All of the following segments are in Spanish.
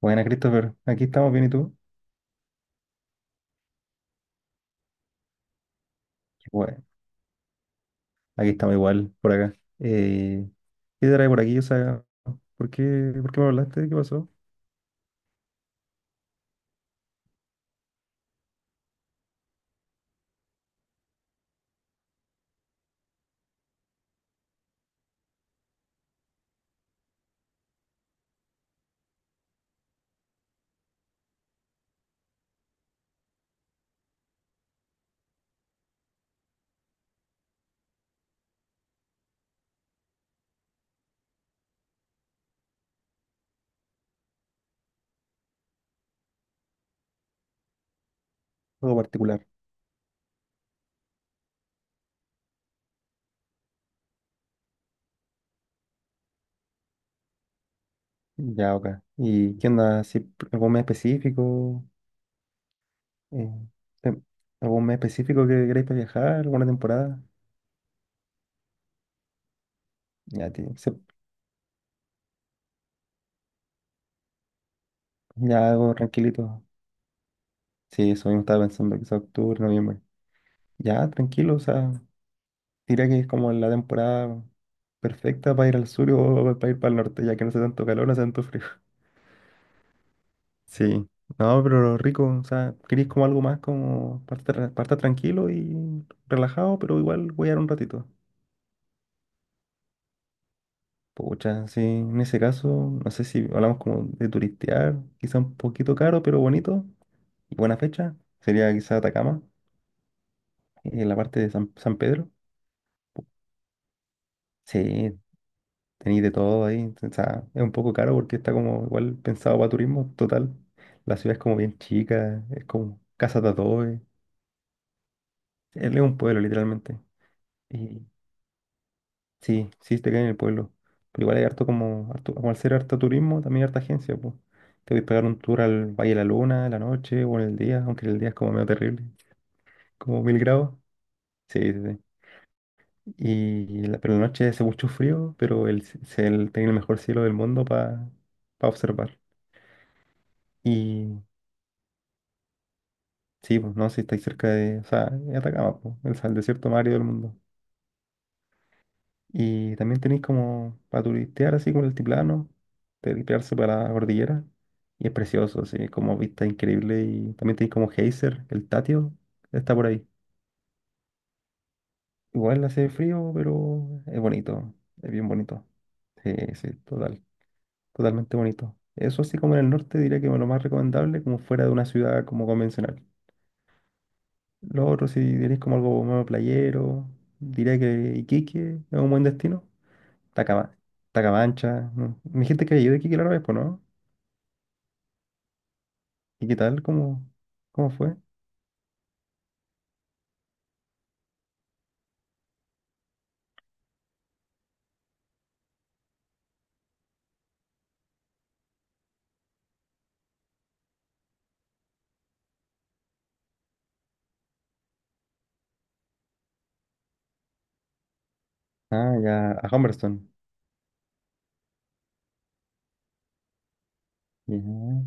Buena, Christopher. Aquí estamos bien, ¿y tú? Qué bueno, aquí estamos igual, por acá. Eh, ¿Qué te trae por aquí? O sea, ¿por qué me hablaste? ¿Qué pasó? Algo particular. Ya, ok. ¿Y qué onda? ¿Si pr- algún mes específico? Eh, tem- ¿Algún mes específico que queréis para viajar? ¿Alguna temporada? Ya, tío, ya algo tranquilito. Sí, eso mismo estaba pensando, quizás octubre, noviembre. Ya, tranquilo, o sea, diría que es como la temporada perfecta para ir al sur o para ir para el norte, ya que no hace tanto calor, no hace tanto frío. Sí, no, pero rico, o sea, queréis como algo más como para estar tranquilo y relajado, pero igual voy a dar un ratito. Pucha, sí, en ese caso, no sé si hablamos como de turistear, quizá un poquito caro, pero bonito y buena fecha, sería quizá Atacama, en la parte de San Pedro. Sí, tenéis de todo ahí, o sea, es un poco caro porque está como igual pensado para turismo, total. La ciudad es como bien chica, es como casa de adobe, es un pueblo literalmente. Y sí, sí, te queda en el pueblo. Pero igual hay harto como, como al ser harto turismo, también harta agencia, pues. Te voy a pegar un tour al Valle de la Luna en la noche o en el día, aunque en el día es como medio terrible, como mil grados. Sí, sí, sí. Y la, pero en la noche hace mucho frío, pero el, c- se- el- tiene el mejor cielo del mundo para observar. Y sí, pues no, si estáis cerca de, o sea, de Atacama, pues, el desierto más árido del mundo. Y también tenéis como para turistear así como el altiplano, turistearse para la cordillera. Y es precioso, así como vista increíble. Y también tenéis como geyser, el Tatio, que está por ahí. Igual hace frío, pero es bonito, es bien bonito. Sí, sí, total, totalmente bonito. Eso así como en el norte diría que es lo más recomendable, como fuera de una ciudad como convencional. Lo otro, si diréis como algo más playero, diría que Iquique es un buen destino. Tacama- Tacamancha. ¿No? Me dijiste que había ido de Iquique la otra vez, pues, ¿no? ¿Y qué tal? ¿Cómo fue? Ah, ya, a Humberstone. Ya.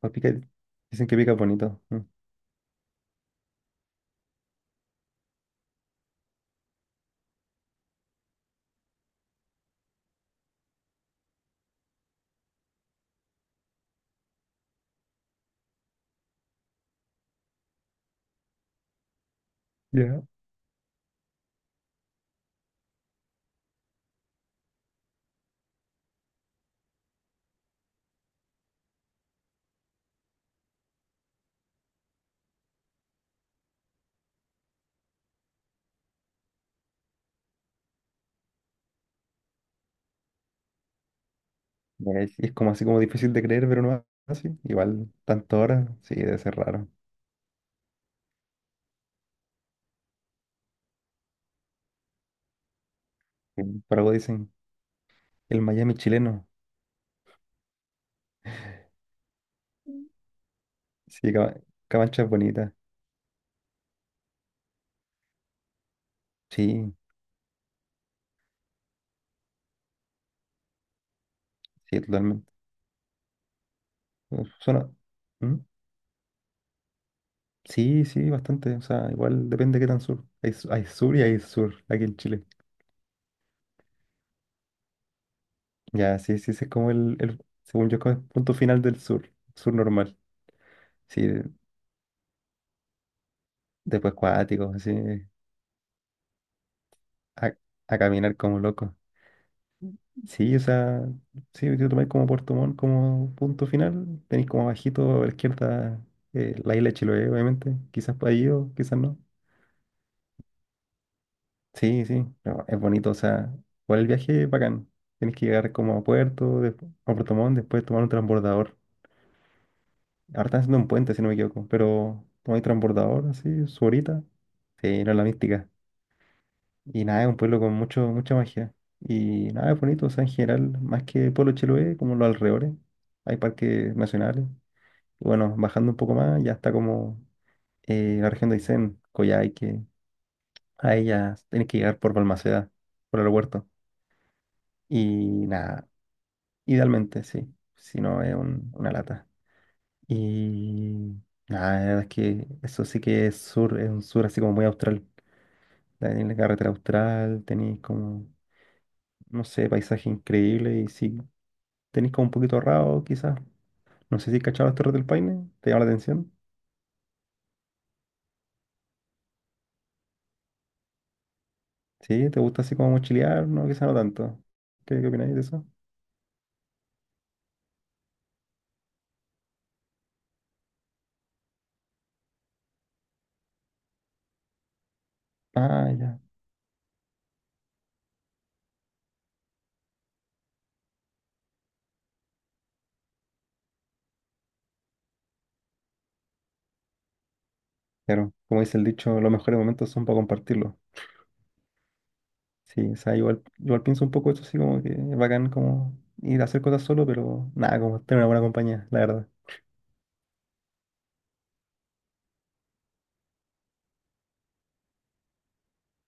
Pues pica- dicen que pica bonito. Mm. Ya. Ya, es como así como difícil de creer, pero no así. Igual, tantas horas, sí, debe ser raro. Sí. Por algo dicen, el Miami chileno. Sí, Camancha es bonita. Sí, sí, totalmente. Uf, suena. ¿Mm? Sí, sí, bastante. O sea, igual depende de qué tan sur. Hay sur y hay sur aquí en Chile. Ya, sí, sí, ese es como el, según yo, como el punto final del sur, sur normal. Sí, después cuáticos, así, a, a caminar como loco. Sí, o sea, sí, yo tomé como Puerto Montt como punto final, tenéis como bajito a la izquierda la isla de Chiloé, obviamente, quizás para ahí o quizás no. Sí, sí, pero es bonito, o sea, por el viaje bacán. Tienes que llegar como a Puerto, después, a Puerto Montt, después tomar un transbordador. Ahora están haciendo un puente, si no me equivoco, pero no hay transbordador, así, su horita. Sí, era la mística. Y nada, es un pueblo con mucha magia. Y nada, es bonito, o sea, en general, más que Pueblo Chiloé, como los alrededores, hay parques nacionales. Y bueno, bajando un poco más, ya está como la región de Aysén, Coyhaique. A ella tienes que llegar por Balmaceda, por el aeropuerto. Y nada, idealmente, sí. Si no, es una lata. Y nada, la verdad es que eso sí que es sur, es un sur así como muy austral. Tenéis la carretera austral, tenéis como, no sé, paisaje increíble y sí, tenéis como un poquito ahorrado quizás. No sé si cachabas las Torres del Paine, ¿te llama la atención? Sí, ¿te gusta así como mochilear? No, quizás no tanto. ¿Qué opináis de eso? Ah, ya. Claro, como dice el dicho, los mejores momentos son para compartirlos. Sí, o sea, igual pienso un poco eso así como que es bacán como ir a hacer cosas solo, pero nada, como tener una buena compañía, la verdad.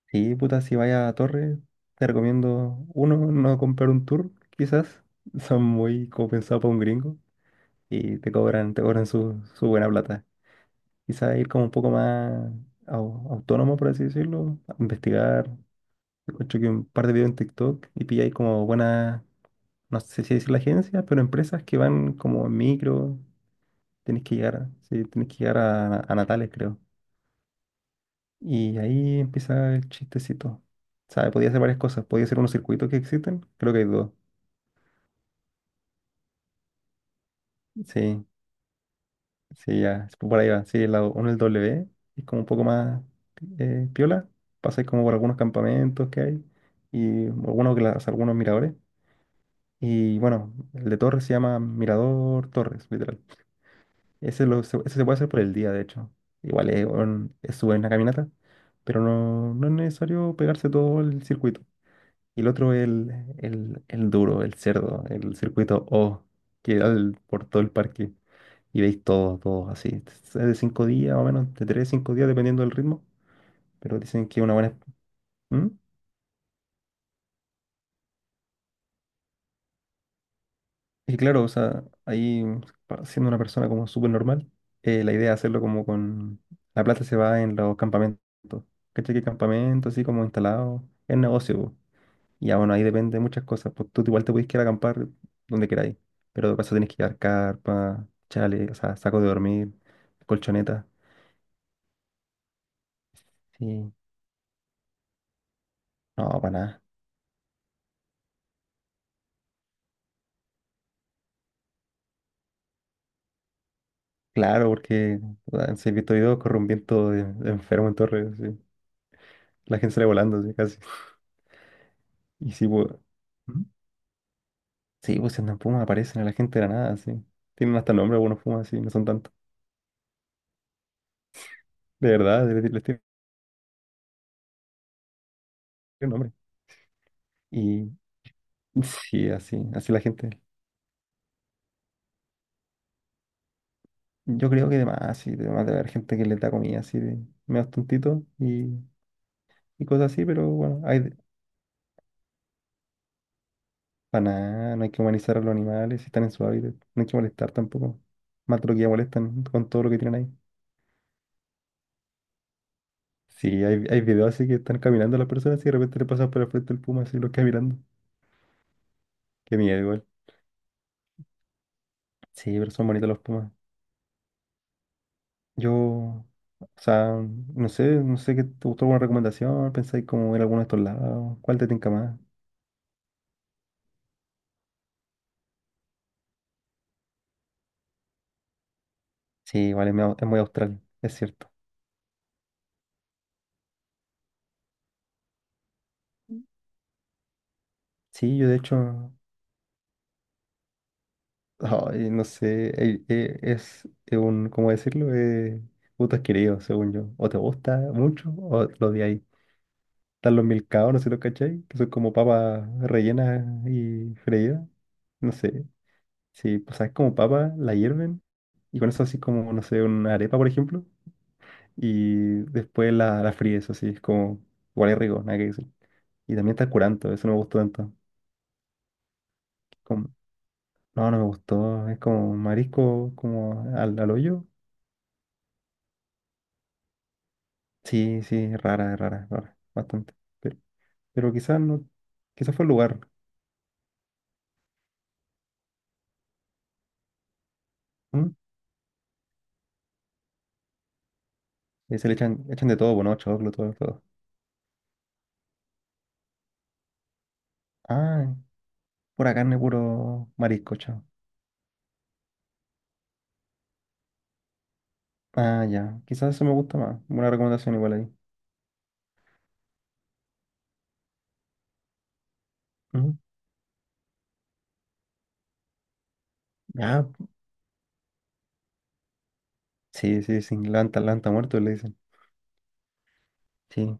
Sí, puta, si vaya a Torre, te recomiendo, uno, no comprar un tour, quizás. Son muy como pensados para un gringo y te cobran su buena plata. Quizás ir como un poco más autónomo, por así decirlo, a investigar. Escucho que un par de videos en TikTok y pilláis como buenas, no sé si decir la agencia, pero empresas que van como en micro. Tenés que llegar, sí, tenés que llegar a Natales, creo. Y ahí empieza el chistecito. ¿Sabes? Podía hacer varias cosas. Podía hacer unos circuitos que existen. Creo que hay dos. Sí, sí, ya. Es por ahí va. Sí, el lado uno, el W, es como un poco más piola. Pasáis como por algunos campamentos que hay y algunos miradores. Y bueno, el de Torres se llama Mirador Torres, literal. Ese se puede hacer por el día, de hecho. Igual es una caminata, pero no es necesario pegarse todo el circuito. Y el otro es el duro, el cerdo, el circuito O, que da por todo el parque. Y veis todo, todo así. Es de 5 días, o menos, de 3, 5 días, dependiendo del ritmo. Pero dicen que es una buena... ¿Mm? Y claro, o sea, ahí, siendo una persona como súper normal, la idea es hacerlo como con... La plata se va en los campamentos. ¿Cachai? Que campamentos así como instalados. Es negocio, po. Ya bueno, ahí depende de muchas cosas. Pues tú igual te puedes quedar a acampar donde queráis. Pero de paso tienes que llevar carpa, chale, o sea, saco de dormir, colchoneta. Sí. No, para nada. Claro, porque puta, si he visto videos corre un viento de enfermo en torres sí. La gente sale volando, sí, casi. Y sí, pues. ¿Mm? Sí, pues si andan pumas aparecen a la gente de la nada, sí. Tienen hasta nombre algunos pumas, sí, no son tantos. De verdad, les tienen nombre. Y sí, así, así la gente. Yo creo que además, sí, además debe haber gente que le da comida así de medio tontito y cosas así, pero bueno. Para nada, no hay que humanizar a los animales, si están en su hábitat, no hay que molestar tampoco. Más de lo que ya molestan con todo lo que tienen ahí. Sí, hay videos así que están caminando las personas y de repente le pasan por el frente el puma así los queda mirando. Qué miedo igual. Sí, pero son bonitos los pumas. Yo, o sea, no sé qué te gustó alguna recomendación, pensáis como ir a alguno de estos lados, cuál te tinca más. Sí, igual es muy austral, es cierto. Sí, yo de hecho, ay, no sé, es un, ¿cómo decirlo? Gusto adquirido, según yo. O te gusta mucho o lo odias. Están los milcaos, no sé si los cachai, que son como papas rellenas y freídas. No sé, sí, pues sabes, como papas, la hierven y con eso así como, no sé, una arepa, por ejemplo, y después la fríes, así, es como, igual es rico, nada que decir. Y también está el curanto, eso no me gustó tanto. No, no me gustó. Es como marisco, como al hoyo. Sí, sí, es rara, es rara, es rara, bastante. Pero, pero quizás no, quizás fue el lugar. ¿Mm? Y se le echan de todo, bueno, choclo, todo, todo. Ah, pura carne, puro marisco, chao. Ah, ya, quizás eso me gusta más. Buena recomendación igual ahí. Ujú. Ya, sí, sí, sí, lanta muerto le dicen. Sí,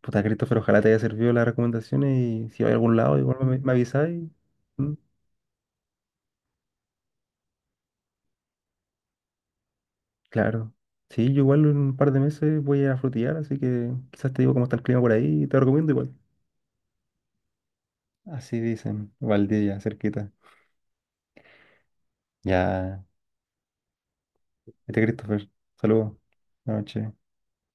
puta Christopher, ojalá te haya servido las recomendaciones y si va a algún lado, igual me avisáis. Claro. Sí, yo igual en un par de meses voy a frutillar, así que quizás te digo cómo está el clima por ahí y te recomiendo igual. Así dicen, Valdivia, cerquita. Ya, este Christopher, saludos. Buenas noches.